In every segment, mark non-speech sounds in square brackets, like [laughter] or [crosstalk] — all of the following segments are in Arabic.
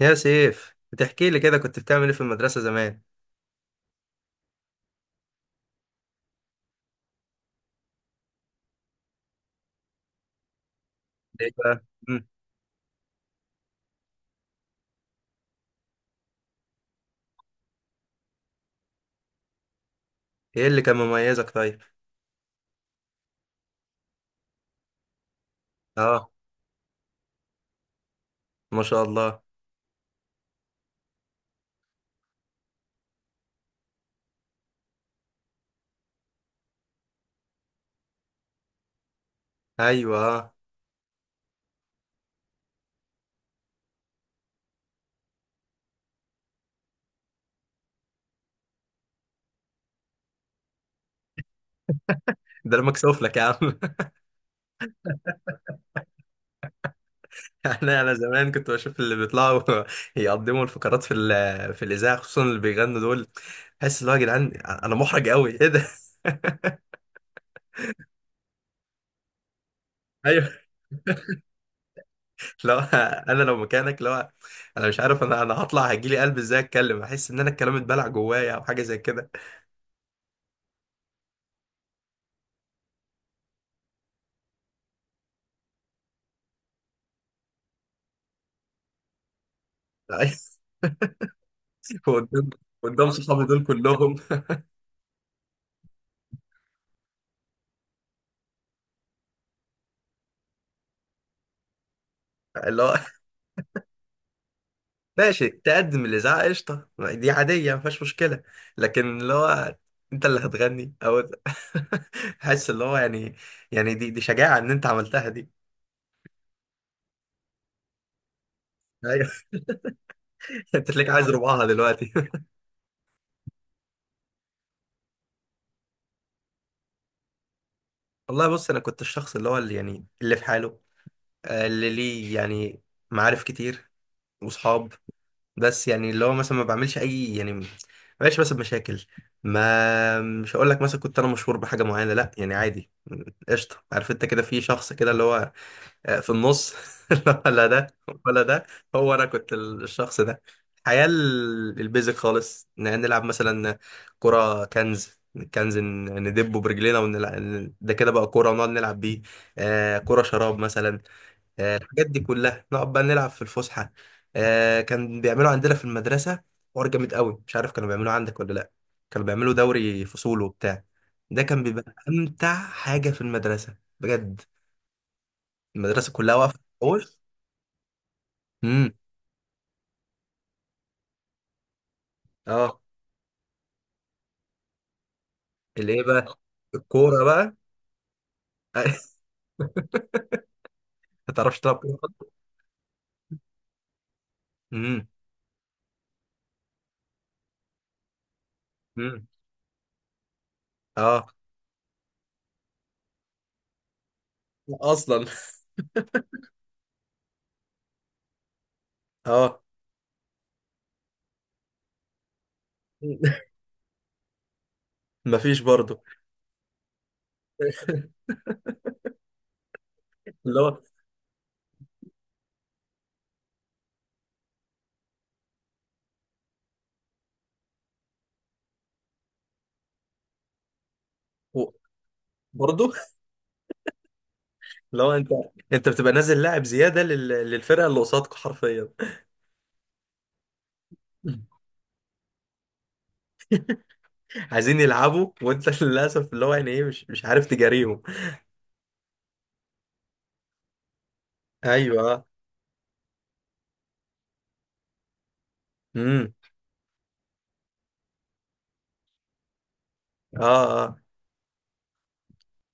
يا سيف، بتحكي لي كده كنت بتعمل ايه في المدرسة زمان؟ ايه بقى؟ ايه اللي كان مميزك طيب؟ اه. ما شاء الله. ايوه، اه. ده انا مكسوف لك يا عم. [laughs] انا زمان كنت بشوف اللي بيطلعوا [laughs] يقدموا الفقرات في الاذاعه، خصوصا اللي بيغنوا دول. بحس اللي هو يا جدعان انا محرج قوي، ايه ده؟ [laughs] ايوه. لو انا، لو مكانك، لو انا مش عارف، انا هطلع هيجيلي قلب ازاي اتكلم؟ احس ان انا الكلام اتبلع جوايا او حاجه زي كده. [laughs] قدام. قدام صحابي دول كلهم. [laughs] اللي هو ماشي، تقدم الإذاعة قشطة، دي عادية مفيهاش مشكلة. لكن اللي هو أنت اللي هتغني أو [laughs] حس اللي هو يعني، يعني دي شجاعة إن أنت عملتها دي. أيوه. [laughs] أنت تلاقيك عايز ربعها دلوقتي. [laughs] والله بص، أنا كنت الشخص اللي هو، اللي يعني، اللي في حاله. اللي ليه يعني معارف كتير وصحاب، بس يعني اللي هو مثلا ما بعملش أي يعني، ما بقاش مثلا مشاكل. ما مش هقول لك مثلا كنت انا مشهور بحاجه معينه، لا يعني عادي. قشطه، عارف انت كده، في شخص كده اللي هو في النص. [laughs] ولا ده ولا ده. هو انا كنت الشخص ده. الحياة البيزك خالص، نلعب مثلا كرة كنز. كنز ندبه برجلينا ونلعب ده كده بقى كرة ونقعد نلعب بيه. آه، كرة شراب مثلا. آه، الحاجات دي كلها نقعد بقى نلعب في الفسحة. آه، كان بيعملوا عندنا في المدرسة حوار جامد قوي، مش عارف كانوا بيعملوه عندك ولا لا. كانوا بيعملوا دوري فصول وبتاع. ده كان بيبقى أمتع حاجة في المدرسة بجد. المدرسة كلها واقفة. امم. اه. الايه بقى؟ الكوره بقى. [laughs] ما تعرفش تلعب كوره خالص. امم. امم. اه. اصلا. اه. [laughs] مفيش برضو. [laughs] اللي هو و- برضو. لو انت، انت بتبقى نازل لاعب زياده لل... للفرقه اللي قصادك حرفيا. [laughs] عايزين يلعبوا وانت، [laughs] للاسف اللي هو يعني ايه، مش عارف تجاريهم. ايوه. امم. اه، اه.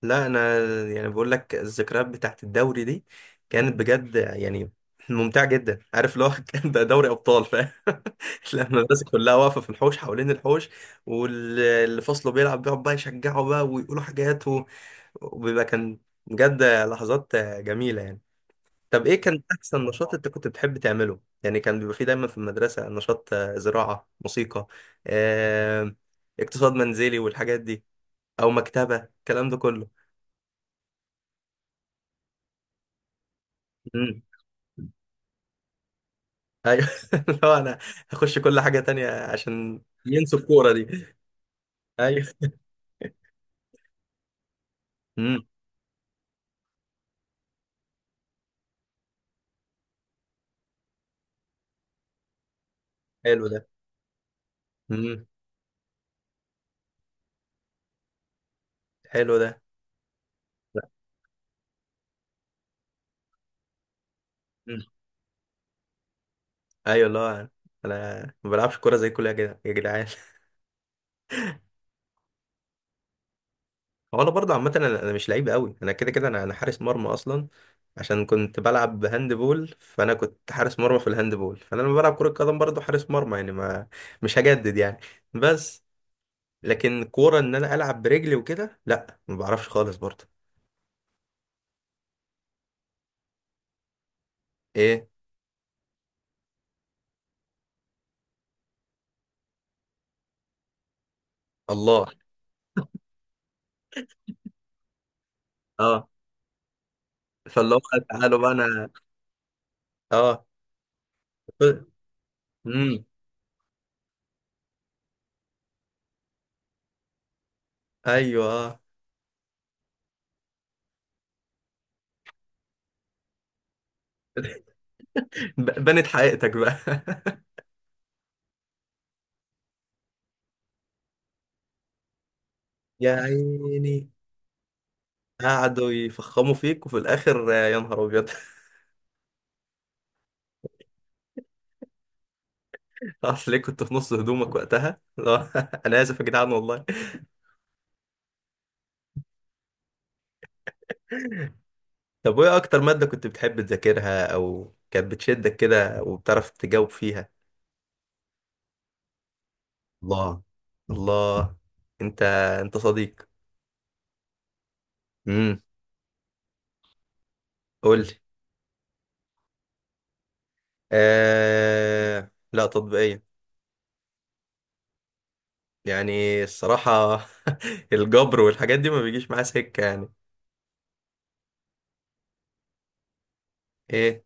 لا انا يعني بقول لك، الذكريات بتاعت الدوري دي كانت بجد يعني ممتعه جدا، عارف اللي هو [laughs] كان ده دوري ابطال فاهم. [laughs] لما الناس كلها واقفه في الحوش، حوالين الحوش، واللي فصله بيلعب بيقعد بقى يشجعه بقى ويقولوا حاجات وبيبقى كان بجد لحظات جميله يعني. طب ايه كان احسن نشاط انت كنت بتحب تعمله؟ يعني كان بيبقى فيه دايما في المدرسه نشاط، زراعه، موسيقى، آه، اقتصاد منزلي والحاجات دي، او مكتبه، الكلام ده كله. ايوه. [laughs] لو انا هخش كل حاجه تانية عشان ينسوا الكوره دي. ايوه. امم. حلو ده. امم. حلو ده. امم. ايوه، اللي هو انا ما بلعبش كوره زي كل يا جدعان. [laughs] هو انا برضه عامه، انا مش لعيب قوي، انا كده كده، انا حارس مرمى اصلا. عشان كنت بلعب هاند بول، فانا كنت حارس مرمى في الهاند بول، فانا لما بلعب كره قدم برضه حارس مرمى، يعني ما مش هجدد يعني. بس لكن كوره ان انا العب برجلي وكده، لا ما بعرفش خالص برضه. ايه؟ الله. اه. فاللي هو، تعالوا بقى انا. اه. امم. ايوه. [laughs] بنت حقيقتك بقى. [laughs] يا عيني، قعدوا يفخموا فيك وفي الاخر يا نهار ابيض. [laughs] اصل ليه كنت في نص هدومك وقتها؟ لا، [laughs] انا اسف يا جدعان والله. طب وايه اكتر ماده كنت بتحب تذاكرها او كانت بتشدك كده وبتعرف تجاوب فيها؟ الله. الله. انت، انت صديق. امم. قول لي. لا، تطبيقيه. يعني الصراحة [laughs] الجبر والحاجات دي ما بيجيش معاه سكة يعني. ايه؟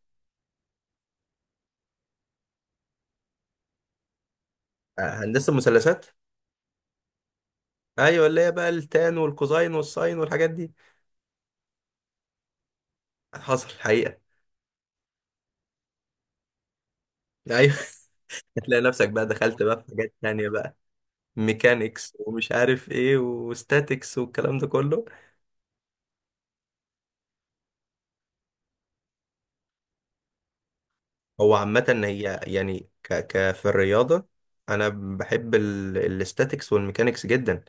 هندسة المثلثات. ايوه، اللي هي بقى التان والكوزاين والساين والحاجات دي. حصل حقيقة. ايوه. [laughs] هتلاقي نفسك بقى دخلت بقى في حاجات تانية بقى، ميكانيكس ومش عارف ايه وستاتيكس والكلام ده كله. هو عامة هي يعني، ك في الرياضة، انا بحب الاستاتيكس والميكانيكس جدا.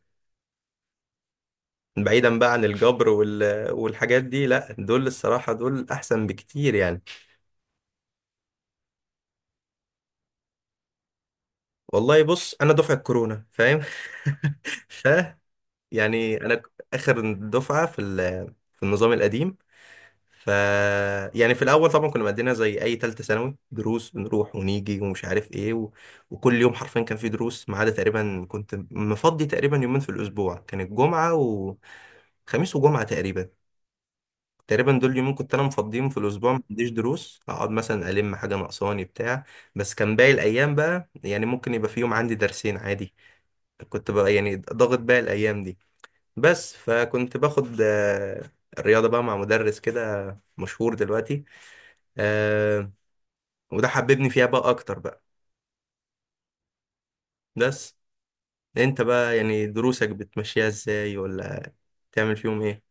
بعيدا بقى عن الجبر والحاجات دي، لا دول الصراحة دول احسن بكتير يعني. والله بص، انا دفعه كورونا فاهم. [laughs] ف يعني انا اخر دفعه في النظام القديم. ف يعني في الاول طبعا كنا مقضينا زي اي ثالثه ثانوي، دروس بنروح ونيجي ومش عارف ايه وكل يوم حرفيا كان في دروس، ما عدا تقريبا كنت مفضي تقريبا يومين في الاسبوع، كانت جمعه وخميس. وجمعه تقريبا، تقريبا دول يومين كنت انا مفضيهم في الاسبوع ما عنديش دروس، اقعد مثلا الم حاجه ناقصاني بتاع. بس كان باقي الايام بقى يعني ممكن يبقى في يوم عندي درسين عادي، كنت بقى يعني ضاغط بقى الايام دي. بس فكنت باخد الرياضه بقى مع مدرس كده مشهور دلوقتي، آه، وده حببني فيها بقى اكتر بقى. بس انت بقى يعني دروسك بتمشيها ازاي ولا تعمل فيهم ايه؟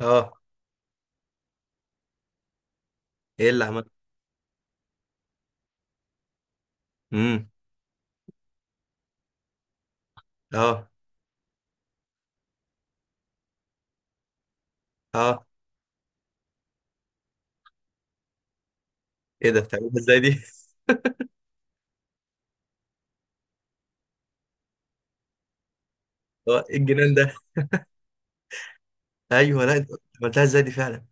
اه. ايه اللي عملته؟ امم. اه. اه. ايه ده؟ بتعملها ازاي دي؟ [laughs] اه، ايه الجنان ده؟ ايوه، لا انت عملتها ازاي دي فعلا؟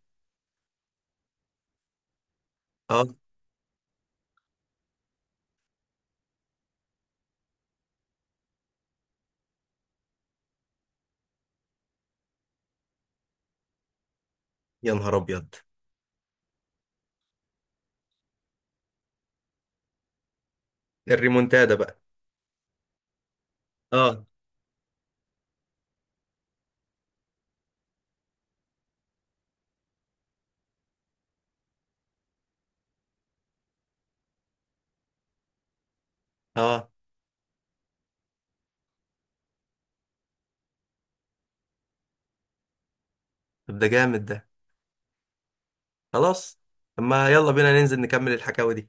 اه. يا نهار ابيض. الريمونتادا بقى. اه. اه. طب ده جامد ده. خلاص. طب ما يلا بينا ننزل نكمل الحكاوي دي.